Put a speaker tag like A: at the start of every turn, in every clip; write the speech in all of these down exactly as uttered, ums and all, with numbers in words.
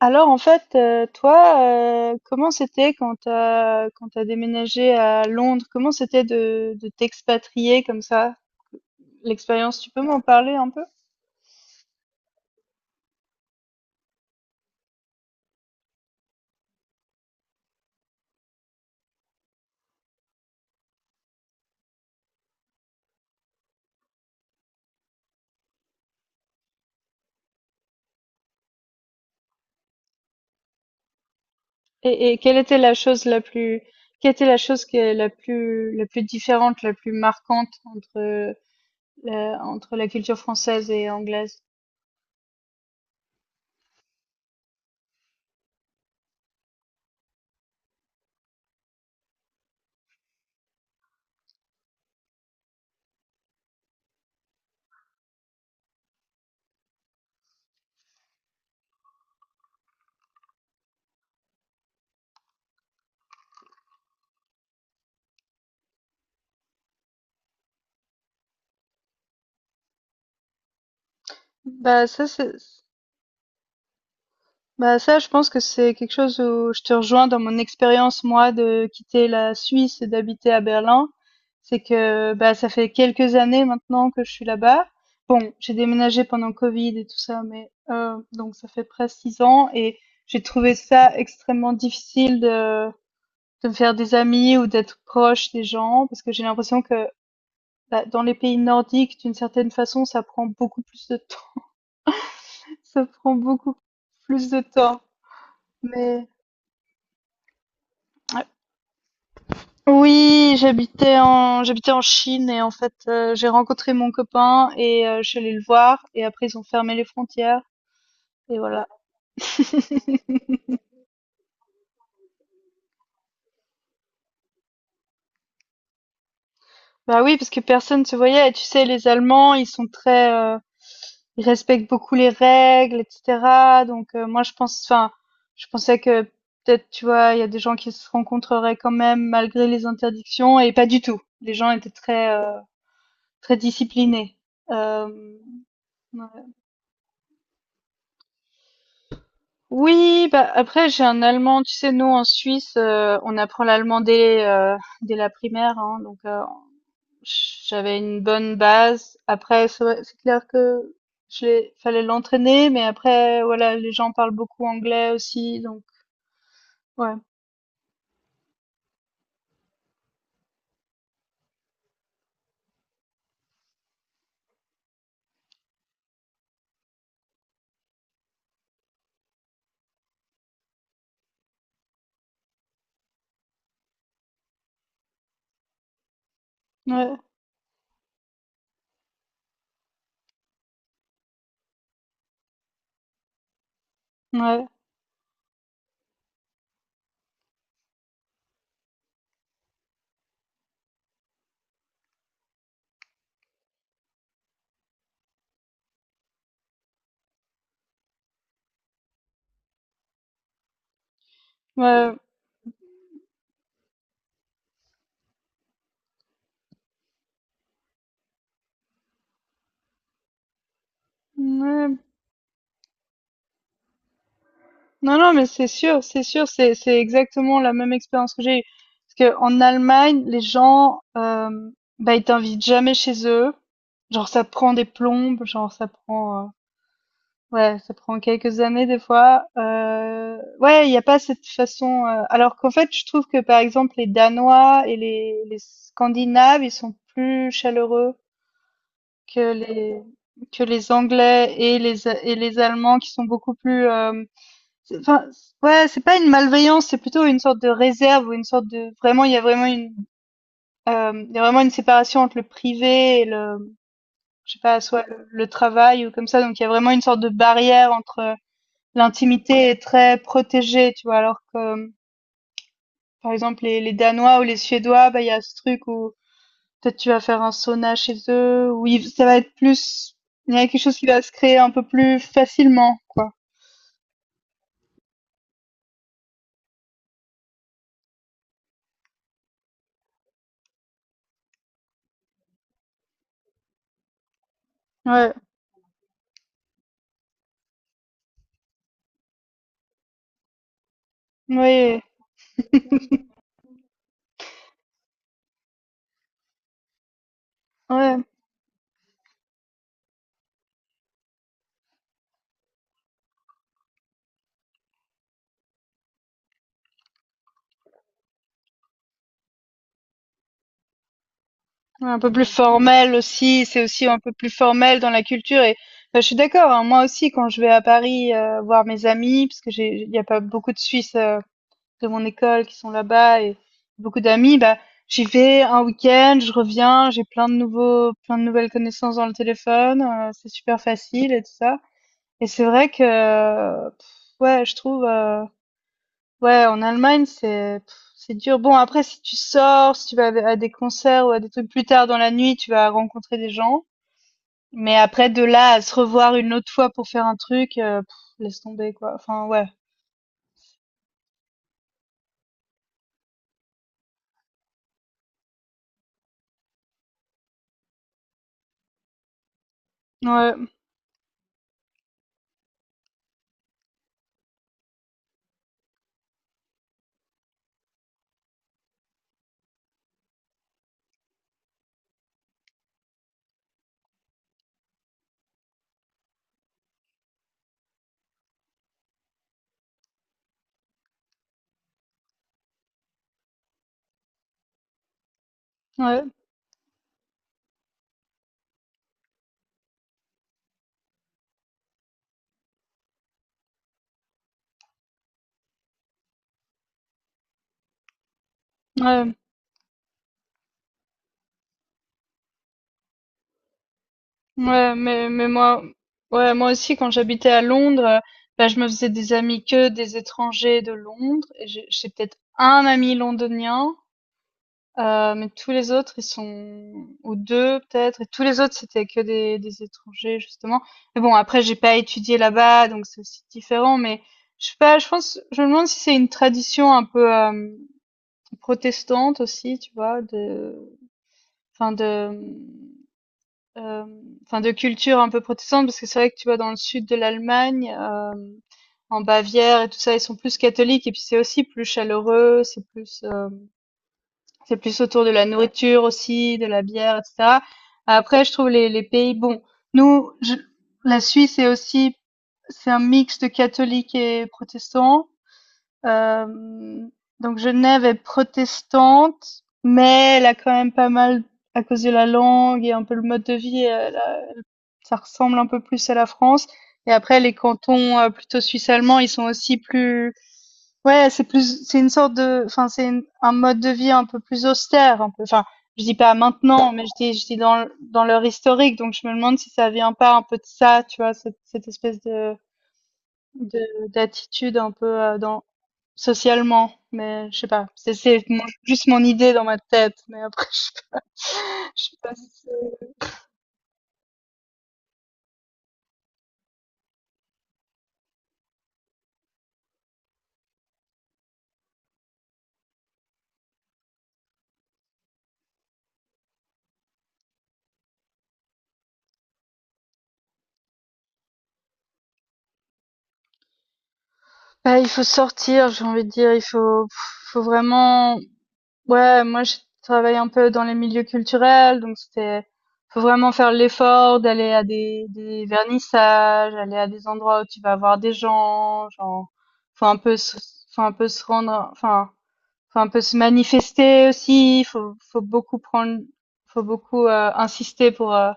A: Alors en fait, heu, toi, heu, comment c'était quand tu as quand tu déménagé à Londres? Comment c'était de de t'expatrier comme ça? L'expérience, tu peux m'en parler un peu? Et et quelle était la chose la plus quelle était la chose qui est la plus la plus différente, la plus marquante entre La- entre la culture française et anglaise? Bah ça c'est bah ça je pense que c'est quelque chose où je te rejoins dans mon expérience, moi, de quitter la Suisse et d'habiter à Berlin. C'est que bah ça fait quelques années maintenant que je suis là-bas. Bon, j'ai déménagé pendant Covid et tout ça, mais euh, donc ça fait presque six ans, et j'ai trouvé ça extrêmement difficile de de me faire des amis ou d'être proche des gens, parce que j'ai l'impression que bah, dans les pays nordiques, d'une certaine façon, ça prend beaucoup plus de temps. Ça prend beaucoup plus de temps, mais Ouais. Oui, j'habitais en j'habitais en Chine, et en fait euh, j'ai rencontré mon copain et euh, je suis allée le voir, et après ils ont fermé les frontières et voilà. Bah oui, parce que personne se voyait, et tu sais, les Allemands, ils sont très euh, ils respectent beaucoup les règles et cetera. Donc euh, moi je pense, enfin je pensais que peut-être, tu vois, il y a des gens qui se rencontreraient quand même malgré les interdictions, et pas du tout. Les gens étaient très euh, très disciplinés. Euh, Ouais. Oui, bah après j'ai un allemand, tu sais, nous en Suisse, euh, on apprend l'allemand dès, euh, dès la primaire, hein, donc euh, j'avais une bonne base. Après, c'est vrai- c'est clair que je l'ai- fallait l'entraîner, mais après, voilà, les gens parlent beaucoup anglais aussi, donc ouais, ouais, ouais, ouais, ouais. Non, non, mais c'est sûr, c'est sûr, c'est c'est exactement la même expérience que j'ai eue. Parce que en Allemagne, les gens, euh, bah, ils t'invitent jamais chez eux. Genre, ça prend des plombes, genre, ça prend, euh, ouais, ça prend quelques années des fois. Euh, ouais, il n'y a pas cette façon. Euh, alors qu'en fait, je trouve que par exemple, les Danois et les, les Scandinaves, ils sont plus chaleureux que les que les Anglais et les et les Allemands, qui sont beaucoup plus euh, c'est- enfin, ouais, c'est pas une malveillance, c'est plutôt une sorte de réserve, ou une sorte de, vraiment il y a vraiment une euh, il y a vraiment une séparation entre le privé et le, je sais pas, soit le, le travail ou comme ça. Donc il y a vraiment une sorte de barrière entre, l'intimité est très protégée, tu vois, alors que euh, par exemple les, les Danois ou les Suédois, bah il y a ce truc où peut-être tu vas faire un sauna chez eux où il- ça va être plus, il y a quelque chose qui va se créer un peu plus facilement, quoi. Ouais. Oui. Ouais. Ouais, un peu plus formel aussi, c'est aussi un peu plus formel dans la culture, et bah, je suis d'accord, hein, moi aussi quand je vais à Paris euh, voir mes amis, parce que j'ai, il y a pas beaucoup de Suisses euh, de mon école qui sont là-bas, et beaucoup d'amis, bah j'y vais un week-end, je reviens, j'ai plein de nouveaux, plein de nouvelles connaissances dans le téléphone, euh, c'est super facile et tout ça. Et c'est vrai que, euh, pff, ouais, je trouve. euh, Ouais, en Allemagne, c'est pff, c'est dur. Bon, après, si tu sors, si tu vas à à des concerts ou à des trucs plus tard dans la nuit, tu vas rencontrer des gens. Mais après, de là à se revoir une autre fois pour faire un truc, euh, pff, laisse tomber, quoi. Enfin, ouais, ouais, ouais, ouais, ouais. Mais, mais moi, ouais, moi aussi, quand j'habitais à Londres, euh, bah, je me faisais des amis que des étrangers de Londres. Et j'ai j'ai peut-être un ami londonien. Heu, mais tous les autres, ils sont, ou deux peut-être, et tous les autres, c'était que des des étrangers justement. Mais bon, après j'ai pas étudié là-bas, donc c'est aussi différent, mais je sais pas, je pense je me demande si c'est une tradition un peu, hem, protestante aussi, tu vois? De, enfin de, mmh, enfin de culture un peu protestante, parce que c'est vrai que tu vois, dans le sud de l'Allemagne, hem, en Bavière et tout ça, ils sont plus catholiques, et puis c'est aussi plus chaleureux, c'est plus, hem c'est plus autour de la nourriture aussi, de la bière, et cetera. Après, je trouve les, les pays, bon, nous, je- la Suisse est aussi, c'est un mix de catholiques et protestants. Euh, donc Genève est protestante, mais elle a quand même pas mal, à cause de la langue et un peu le mode de vie, elle a- ça ressemble un peu plus à la France. Et après, les cantons euh, plutôt suisse-allemands, ils sont aussi plus, ouais, c'est plus, c'est une sorte de, enfin, c'est une- un mode de vie un peu plus austère, un peu. Enfin, je dis pas maintenant, mais je dis, je dis dans, le- dans leur historique, donc je me demande si ça vient pas un peu de ça, tu vois, cette, cette espèce de, de- d'attitude un peu euh, dans, socialement, mais je sais pas. C'est, c'est mon- juste mon idée dans ma tête, mais après, je, je sais pas si c'est- Bah, il faut sortir, j'ai envie de dire, il faut, faut vraiment, ouais, moi je travaille un peu dans les milieux culturels, donc c'était, faut vraiment faire l'effort d'aller à des, des vernissages, aller à des endroits où tu vas voir des gens, genre faut un peu se, faut un peu se rendre, enfin faut un peu se manifester aussi, faut faut beaucoup prendre, faut beaucoup euh, insister pour euh,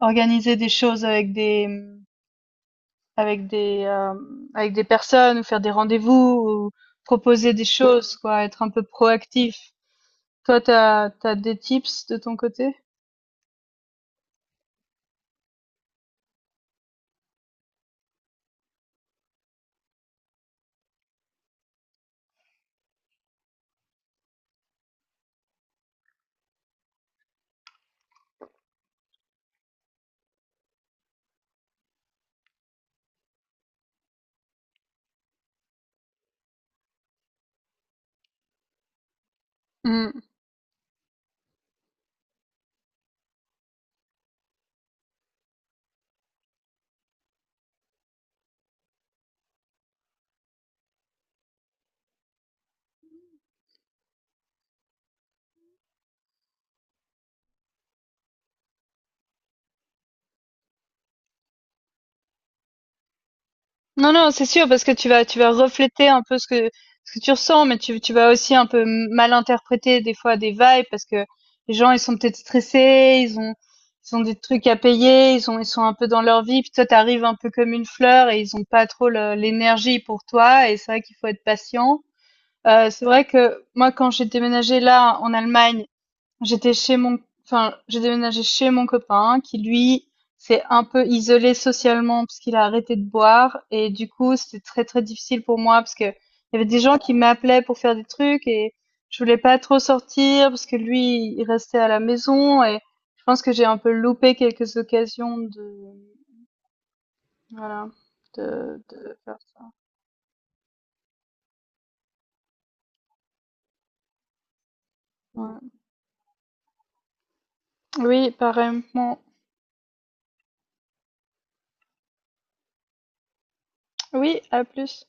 A: organiser des choses avec des, avec des euh, avec des personnes, ou faire des rendez-vous, ou proposer des choses, quoi, être un peu proactif. Toi, t'as, t'as des tips de ton côté? Mm. Non, non, c'est sûr, parce que tu vas, tu vas refléter un peu ce que, ce que tu ressens, mais tu, tu vas aussi un peu mal interpréter des fois des vibes, parce que les gens, ils sont peut-être stressés, ils ont, ils ont des trucs à payer, ils ont, ils sont un peu dans leur vie, puis toi, t'arrives un peu comme une fleur et ils ont pas trop le- l'énergie pour toi, et c'est vrai qu'il faut être patient. Euh, c'est vrai que moi, quand j'ai déménagé là en Allemagne, J'étais chez mon, enfin, j'ai déménagé chez mon copain qui lui s'est un peu isolé socialement parce qu'il a arrêté de boire, et du coup c'était très très difficile pour moi, parce que il y avait des gens qui m'appelaient pour faire des trucs, et je voulais pas trop sortir parce que lui il restait à la maison, et je pense que j'ai un peu loupé quelques occasions de voilà de, de faire ça. Ouais. Oui, pareillement. Oui, à plus.